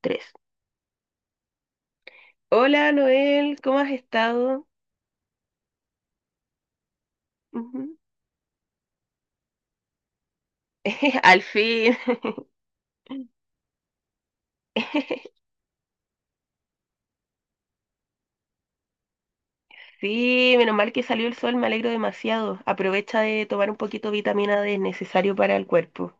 Tres. Hola Noel, ¿cómo has estado? Ujú. Al fin. Sí, menos mal que salió el sol, me alegro demasiado. Aprovecha de tomar un poquito de vitamina D, es necesario para el cuerpo.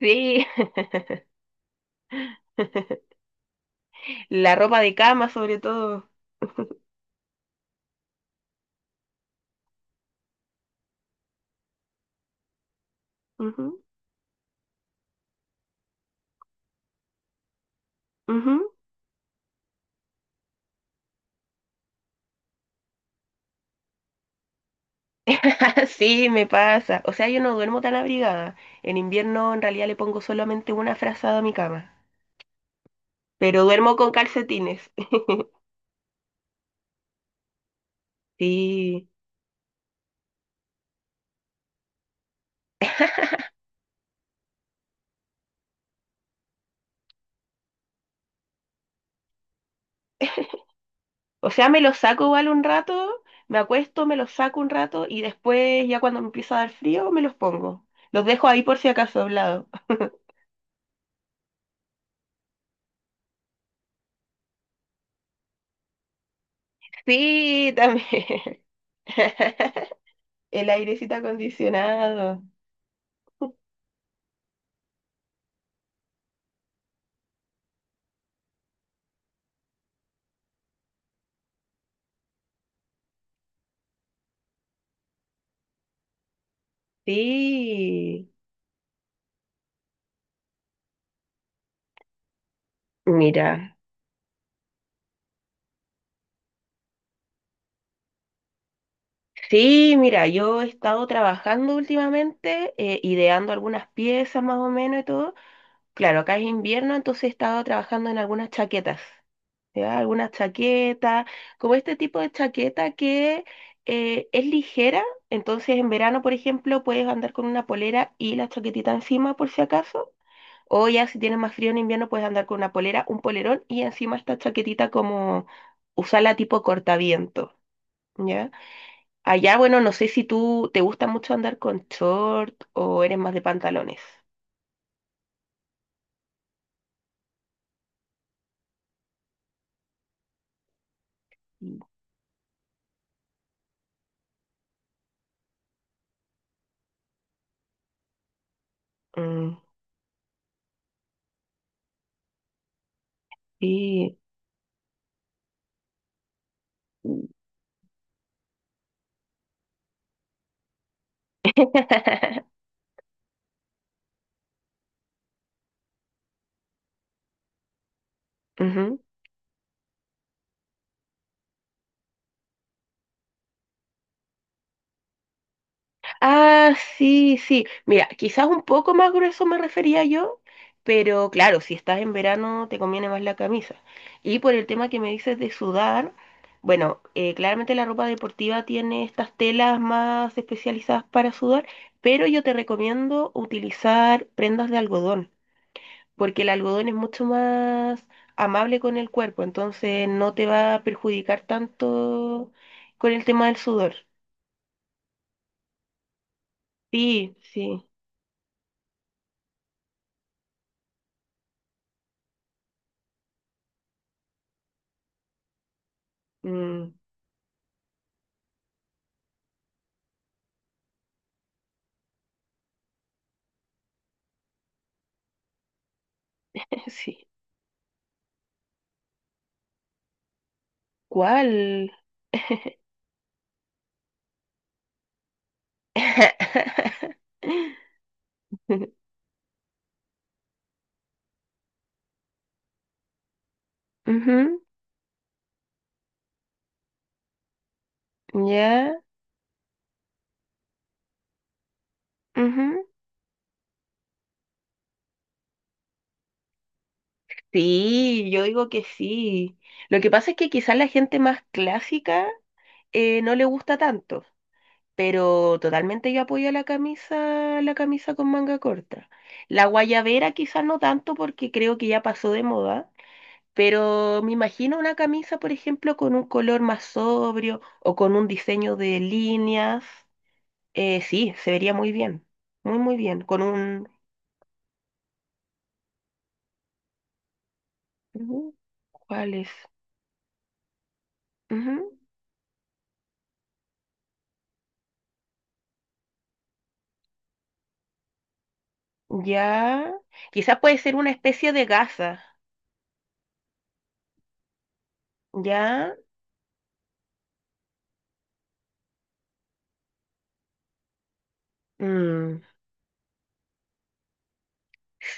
Sí, la ropa de cama sobre todo. Ujú, ujú. Sí, me pasa. O sea, yo no duermo tan abrigada. En invierno en realidad le pongo solamente una frazada a mi cama, pero duermo con calcetines. Sí. O sea, me lo saco igual un rato, me acuesto, me los saco un rato y después ya cuando me empieza a dar frío me los pongo. Los dejo ahí por si acaso doblado. Sí, también. El airecito acondicionado. Sí. Mira. Sí, mira, yo he estado trabajando últimamente, ideando algunas piezas más o menos y todo. Claro, acá es invierno, entonces he estado trabajando en algunas chaquetas. ¿Ya? Algunas chaquetas, como este tipo de chaqueta que es ligera, entonces en verano, por ejemplo, puedes andar con una polera y la chaquetita encima por si acaso, o ya si tienes más frío en invierno puedes andar con una polera, un polerón y encima esta chaquetita como usarla tipo cortaviento, ¿ya? Allá, bueno, no sé si tú te gusta mucho andar con short o eres más de pantalones. Mm, sí. Ujú. Ah, sí, sí. Mira, quizás un poco más grueso me refería yo, pero claro, si estás en verano te conviene más la camisa. Y por el tema que me dices de sudar, bueno, claramente la ropa deportiva tiene estas telas más especializadas para sudar, pero yo te recomiendo utilizar prendas de algodón, porque el algodón es mucho más amable con el cuerpo, entonces no te va a perjudicar tanto con el tema del sudor. Sí, sí. Mm. Sí. ¿Cuál? Ujú, ya. Ujú. Sí, yo digo que sí. Lo que pasa es que quizás la gente más clásica no le gusta tanto, pero totalmente yo apoyo la camisa con manga corta. La guayabera quizás no tanto porque creo que ya pasó de moda, pero me imagino una camisa, por ejemplo, con un color más sobrio o con un diseño de líneas. Sí, se vería muy bien, muy muy bien, con un... Ujú, ¿cuál es? Ujú, ya, quizás puede ser una especie de gasa, ya, mm,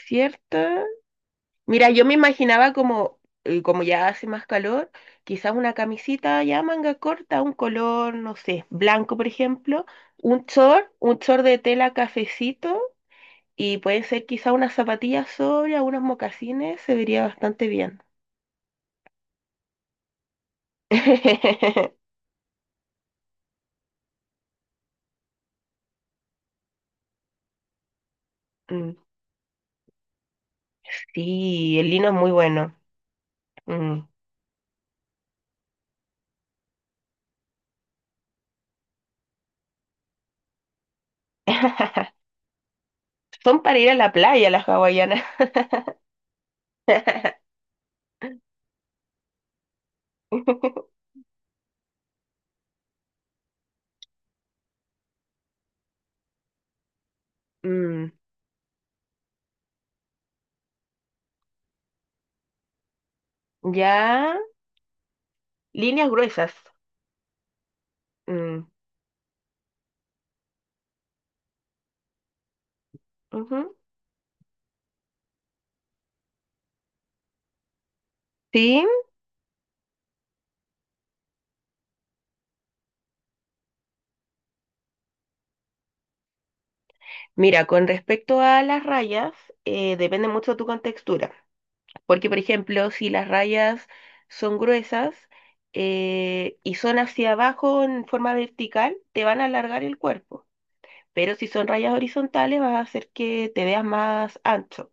¿cierta? Mira, yo me imaginaba como, como ya hace más calor, quizás una camisita ya manga corta, un color, no sé, blanco por ejemplo, un short de tela cafecito y pueden ser quizás unas zapatillas sobre, unos mocasines, se vería bastante bien. Mm. Sí, el lino es muy bueno. Mm. Son para ir a la playa las hawaianas. Mm, ya, líneas gruesas. Mm, ujú. Sí, mira, con respecto a las rayas, depende mucho de tu contextura. Porque, por ejemplo, si las rayas son gruesas y son hacia abajo en forma vertical, te van a alargar el cuerpo. Pero si son rayas horizontales, vas a hacer que te veas más ancho.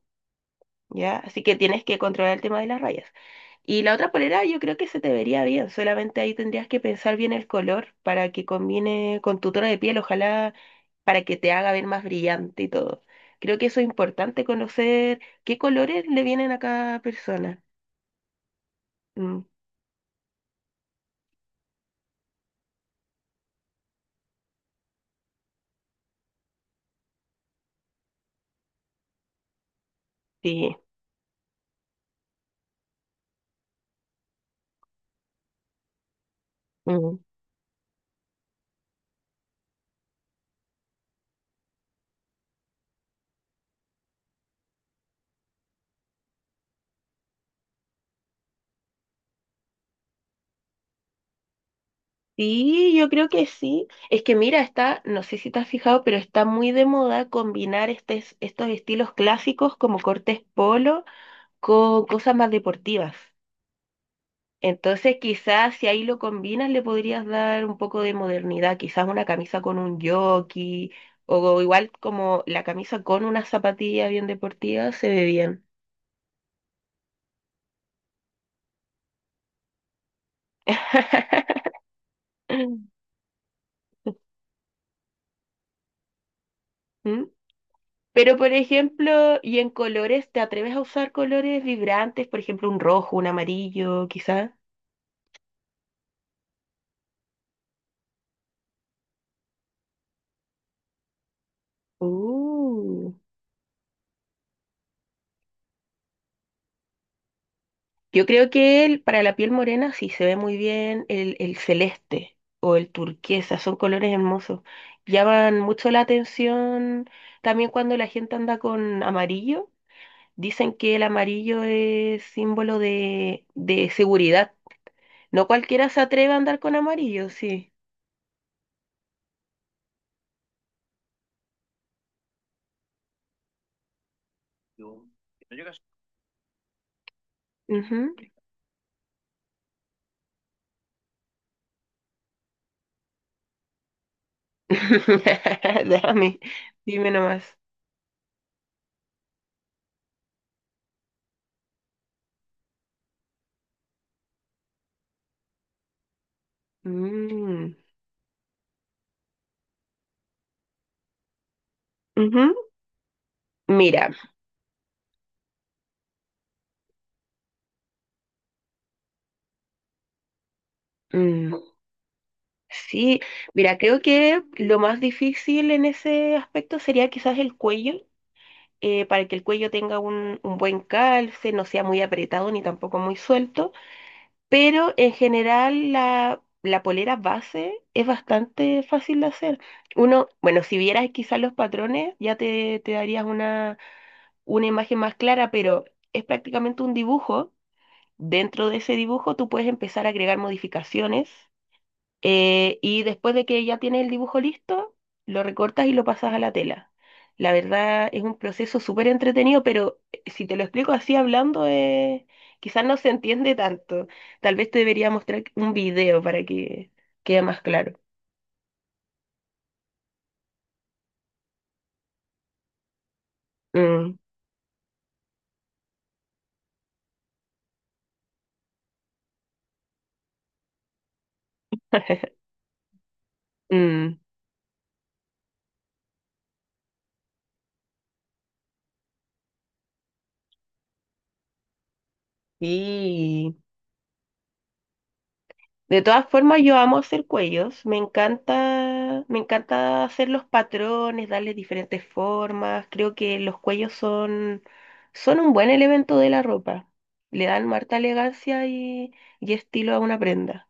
¿Ya? Así que tienes que controlar el tema de las rayas. Y la otra polera yo creo que se te vería bien, solamente ahí tendrías que pensar bien el color para que combine con tu tono de piel, ojalá para que te haga ver más brillante y todo. Creo que eso es importante conocer qué colores le vienen a cada persona. Mm, sí. Mm. Sí, yo creo que sí. Es que mira, está, no sé si te has fijado, pero está muy de moda combinar estos estilos clásicos como cortes polo con cosas más deportivas. Entonces, quizás si ahí lo combinas, le podrías dar un poco de modernidad, quizás una camisa con un jockey, o igual como la camisa con unas zapatillas bien deportivas, se ve bien. ¿Mm? Pero, por ejemplo, y en colores, ¿te atreves a usar colores vibrantes? Por ejemplo, un rojo, un amarillo, quizás. Uh. Yo creo que el, para la piel morena sí se ve muy bien el celeste o el turquesa, son colores hermosos. Llaman mucho la atención también cuando la gente anda con amarillo. Dicen que el amarillo es símbolo de seguridad. No cualquiera se atreve a andar con amarillo, sí. Ujú. Dame, dime nomás. Mm, ujú. Mira, mm, Sí, mira, creo que lo más difícil en ese aspecto sería quizás el cuello, para que el cuello tenga un buen calce, no sea muy apretado ni tampoco muy suelto, pero en general la polera base es bastante fácil de hacer. Uno, bueno, si vieras quizás los patrones ya te darías una imagen más clara, pero es prácticamente un dibujo. Dentro de ese dibujo tú puedes empezar a agregar modificaciones y después de que ya tienes el dibujo listo, lo recortas y lo pasas a la tela. La verdad es un proceso súper entretenido, pero si te lo explico así hablando, quizás no se entiende tanto. Tal vez te debería mostrar un video para que quede más claro. Mm, mm. Sí. De todas formas, yo amo hacer cuellos, me encanta hacer los patrones, darle diferentes formas. Creo que los cuellos son, son un buen elemento de la ropa. Le dan harta elegancia y estilo a una prenda.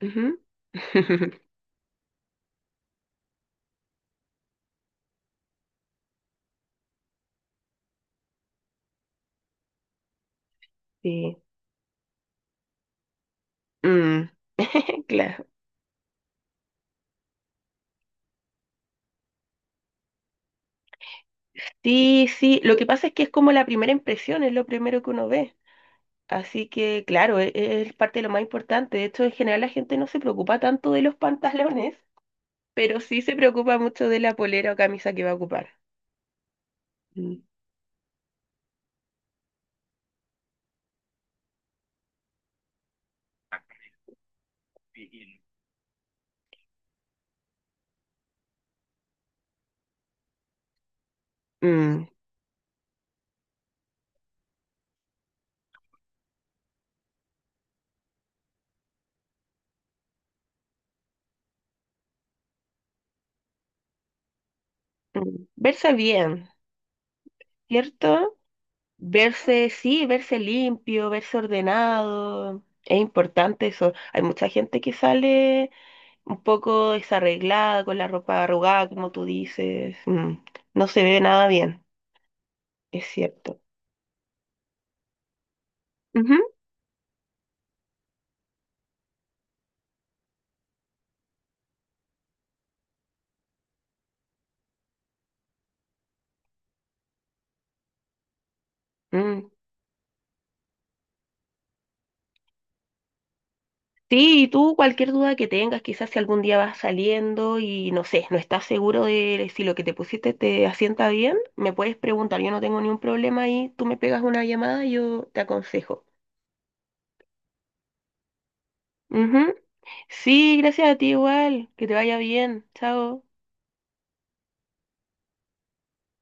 Ujú. Sí. Mm, claro. Sí, sí. Lo que pasa es que es como la primera impresión, es lo primero que uno ve. Así que, claro, es, parte de lo más importante. De hecho, en general la gente no se preocupa tanto de los pantalones. Pero sí se preocupa mucho de la polera o camisa que va a ocupar. Mm. Mm, mm. Verse bien, ¿cierto? Verse, sí, verse limpio, verse ordenado. Es importante eso. Hay mucha gente que sale un poco desarreglada, con la ropa arrugada, como tú dices. No se ve nada bien, es cierto. Ujú, mm. Sí, y tú cualquier duda que tengas, quizás si algún día vas saliendo y no sé, no estás seguro de si lo que te pusiste te asienta bien, me puedes preguntar, yo no tengo ningún problema y tú me pegas una llamada y yo te aconsejo. Ujú. Sí, gracias a ti igual, que te vaya bien, chao.